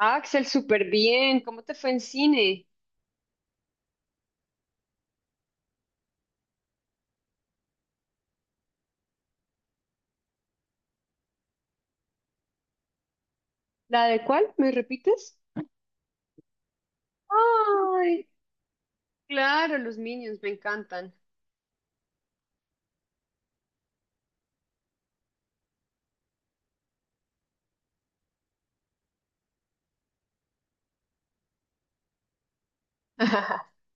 Axel, súper bien. ¿Cómo te fue en cine? ¿La de cuál? ¿Me repites? Ay, claro, los Minions me encantan.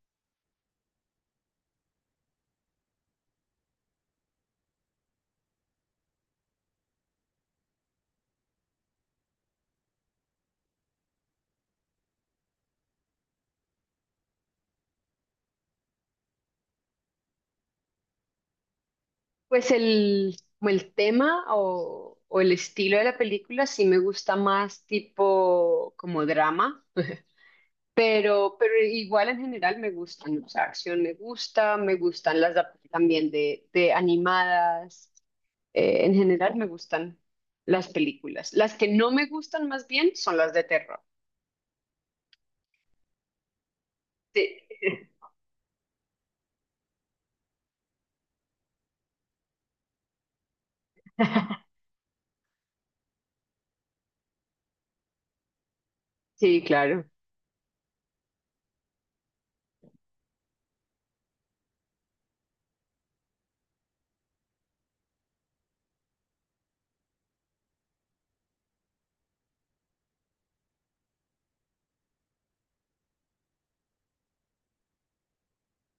Pues como el tema o el estilo de la película sí me gusta más tipo como drama, pero igual en general me gustan, o sea, acción me gusta, me gustan las también de animadas, en general me gustan las películas. Las que no me gustan más bien son las de terror. Sí, sí, claro.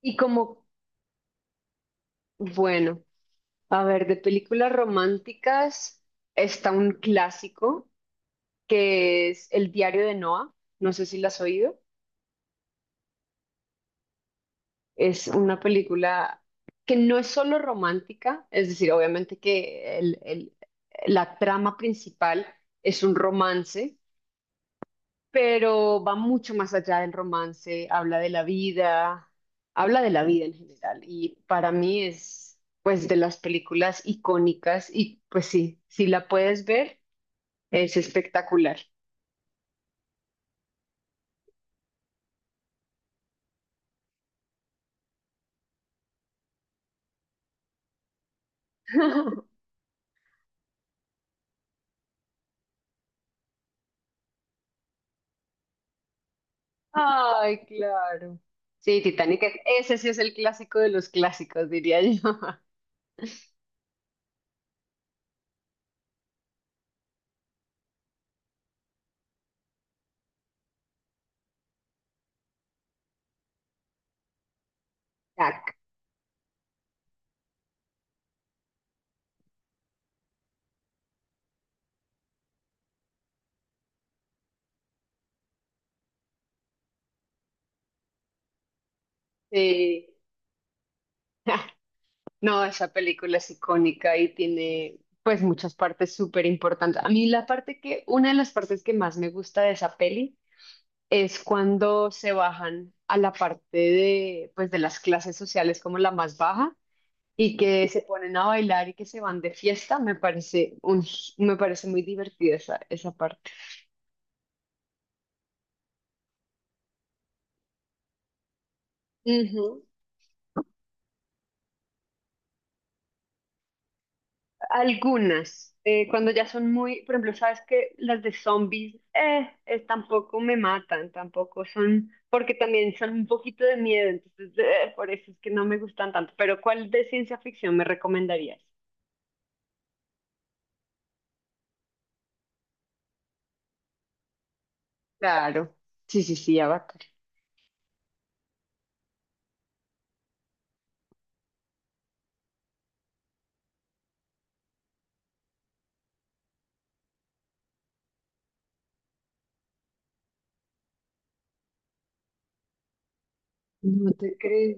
Y como, bueno, a ver, de películas románticas está un clásico que es El diario de Noah. No sé si la has oído. Es una película que no es solo romántica, es decir, obviamente que la trama principal es un romance. Pero va mucho más allá del romance, habla de la vida, habla de la vida en general y para mí es pues de las películas icónicas y pues sí, si la puedes ver, es espectacular. Ay, claro. Sí, Titanic, ese sí es el clásico de los clásicos, diría yo. Tac. Sí. No, esa película es icónica y tiene pues muchas partes súper importantes. A mí una de las partes que más me gusta de esa peli es cuando se bajan a la parte de, pues, de las clases sociales como la más baja y que se ponen a bailar y que se van de fiesta, me parece muy divertida esa parte. Ujú. Algunas, cuando ya son muy, por ejemplo, sabes que las de zombies, tampoco me matan, tampoco son, porque también son un poquito de miedo, entonces por eso es que no me gustan tanto. Pero ¿cuál de ciencia ficción me recomendarías? Claro, sí, sí, sí, ya. No te crees.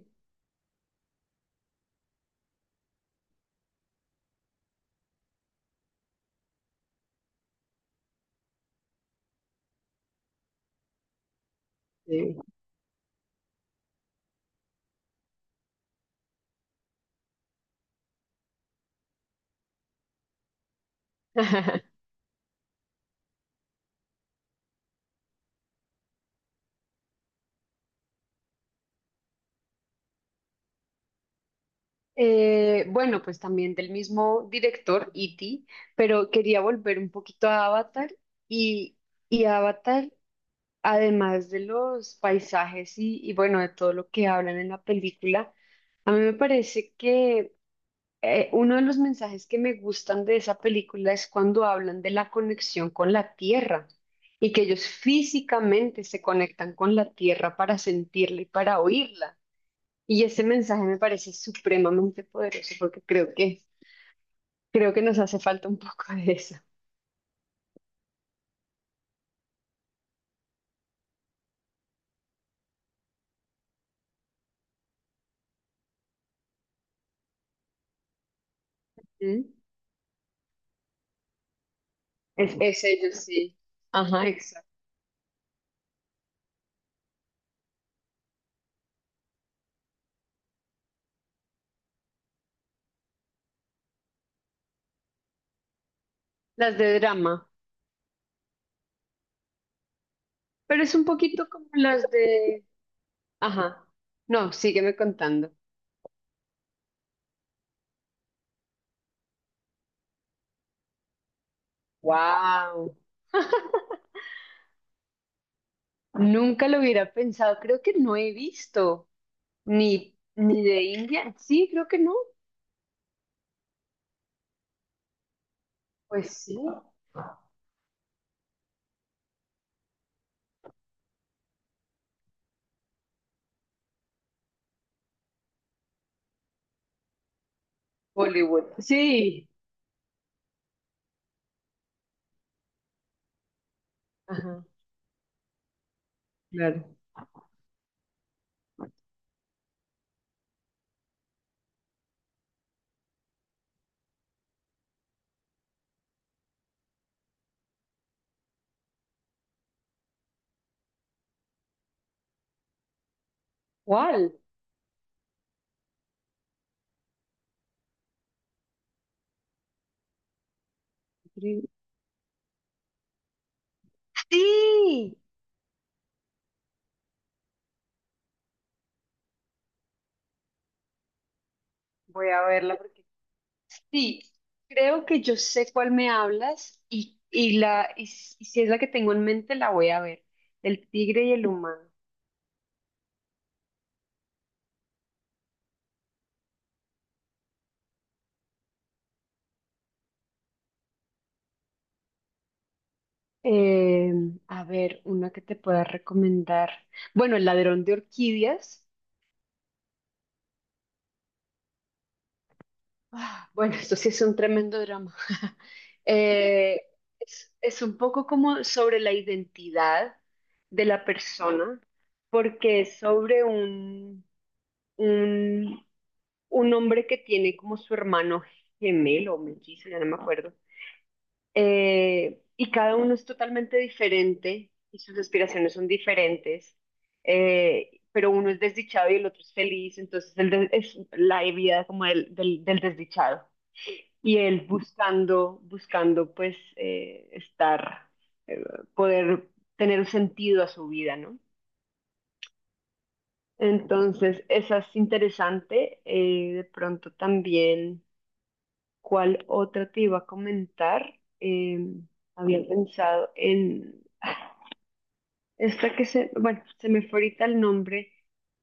Eh, bueno, pues también del mismo director, E.T., pero quería volver un poquito a Avatar y, y Avatar, además de los paisajes y bueno, de todo lo que hablan en la película, a mí me parece que uno de los mensajes que me gustan de esa película es cuando hablan de la conexión con la tierra y que ellos físicamente se conectan con la tierra para sentirla y para oírla. Y ese mensaje me parece supremamente poderoso porque creo que nos hace falta un poco de eso. ¿Mm? Es ellos, sí. Ajá, exacto. Las de drama. Pero es un poquito como las de... Ajá. No, sígueme contando. Wow. Nunca lo hubiera pensado. Creo que no he visto ni de India. Sí, creo que no. Pues sí. Bollywood. Sí. Ajá, claro. ¿Cuál? Sí. Voy a verla porque sí, creo que yo sé cuál me hablas y si es la que tengo en mente, la voy a ver. El tigre y el humano. Eh, a ver, una que te pueda recomendar. Bueno, El ladrón de orquídeas. Ah, bueno, esto sí es un tremendo drama. Eh, es un poco como sobre la identidad de la persona, porque es sobre un un hombre que tiene como su hermano gemelo o mellizo, ya no me acuerdo. Y cada uno es totalmente diferente y sus aspiraciones son diferentes. Pero uno es desdichado y el otro es feliz, entonces es la vida como del desdichado. Y él buscando pues estar, eh, poder tener un sentido a su vida, ¿no? Entonces, esa es interesante. De pronto también, ¿cuál otra te iba a comentar? Había pensado en esta que se, bueno, se me fue ahorita el nombre,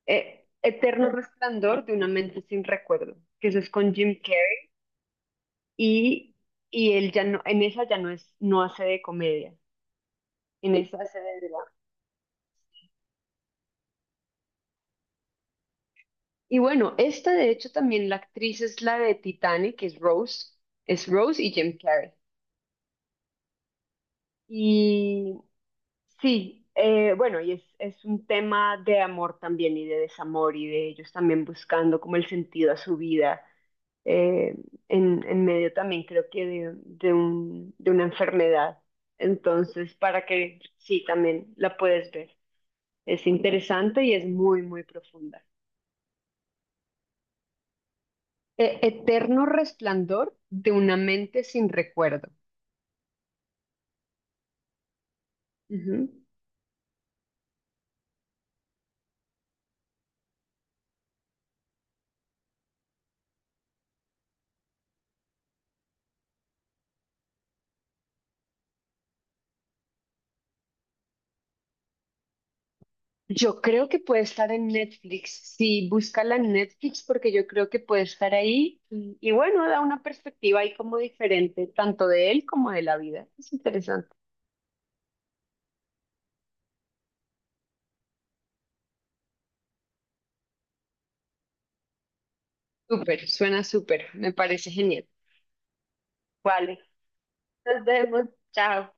Eterno Resplandor de una mente sin recuerdo, que eso es con Jim Carrey y, y él ya no, en esa ya no es, no hace de comedia, en esa hace de drama. Y bueno, esta de hecho también la actriz es la de Titanic, que es Rose y Jim Carrey. Y sí, bueno, y es un tema de amor también y de desamor y de ellos también buscando como el sentido a su vida, eh, en medio también creo que de una enfermedad. Entonces, para que sí, también la puedes ver. Es interesante y es muy, muy profunda. Eterno resplandor de una mente sin recuerdo. Ujú. Yo creo que puede estar en Netflix. Sí, búscala en Netflix porque yo creo que puede estar ahí. Y bueno, da una perspectiva ahí como diferente, tanto de él como de la vida. Es interesante. Súper, suena súper. Me parece genial. Vale, nos vemos. Chao.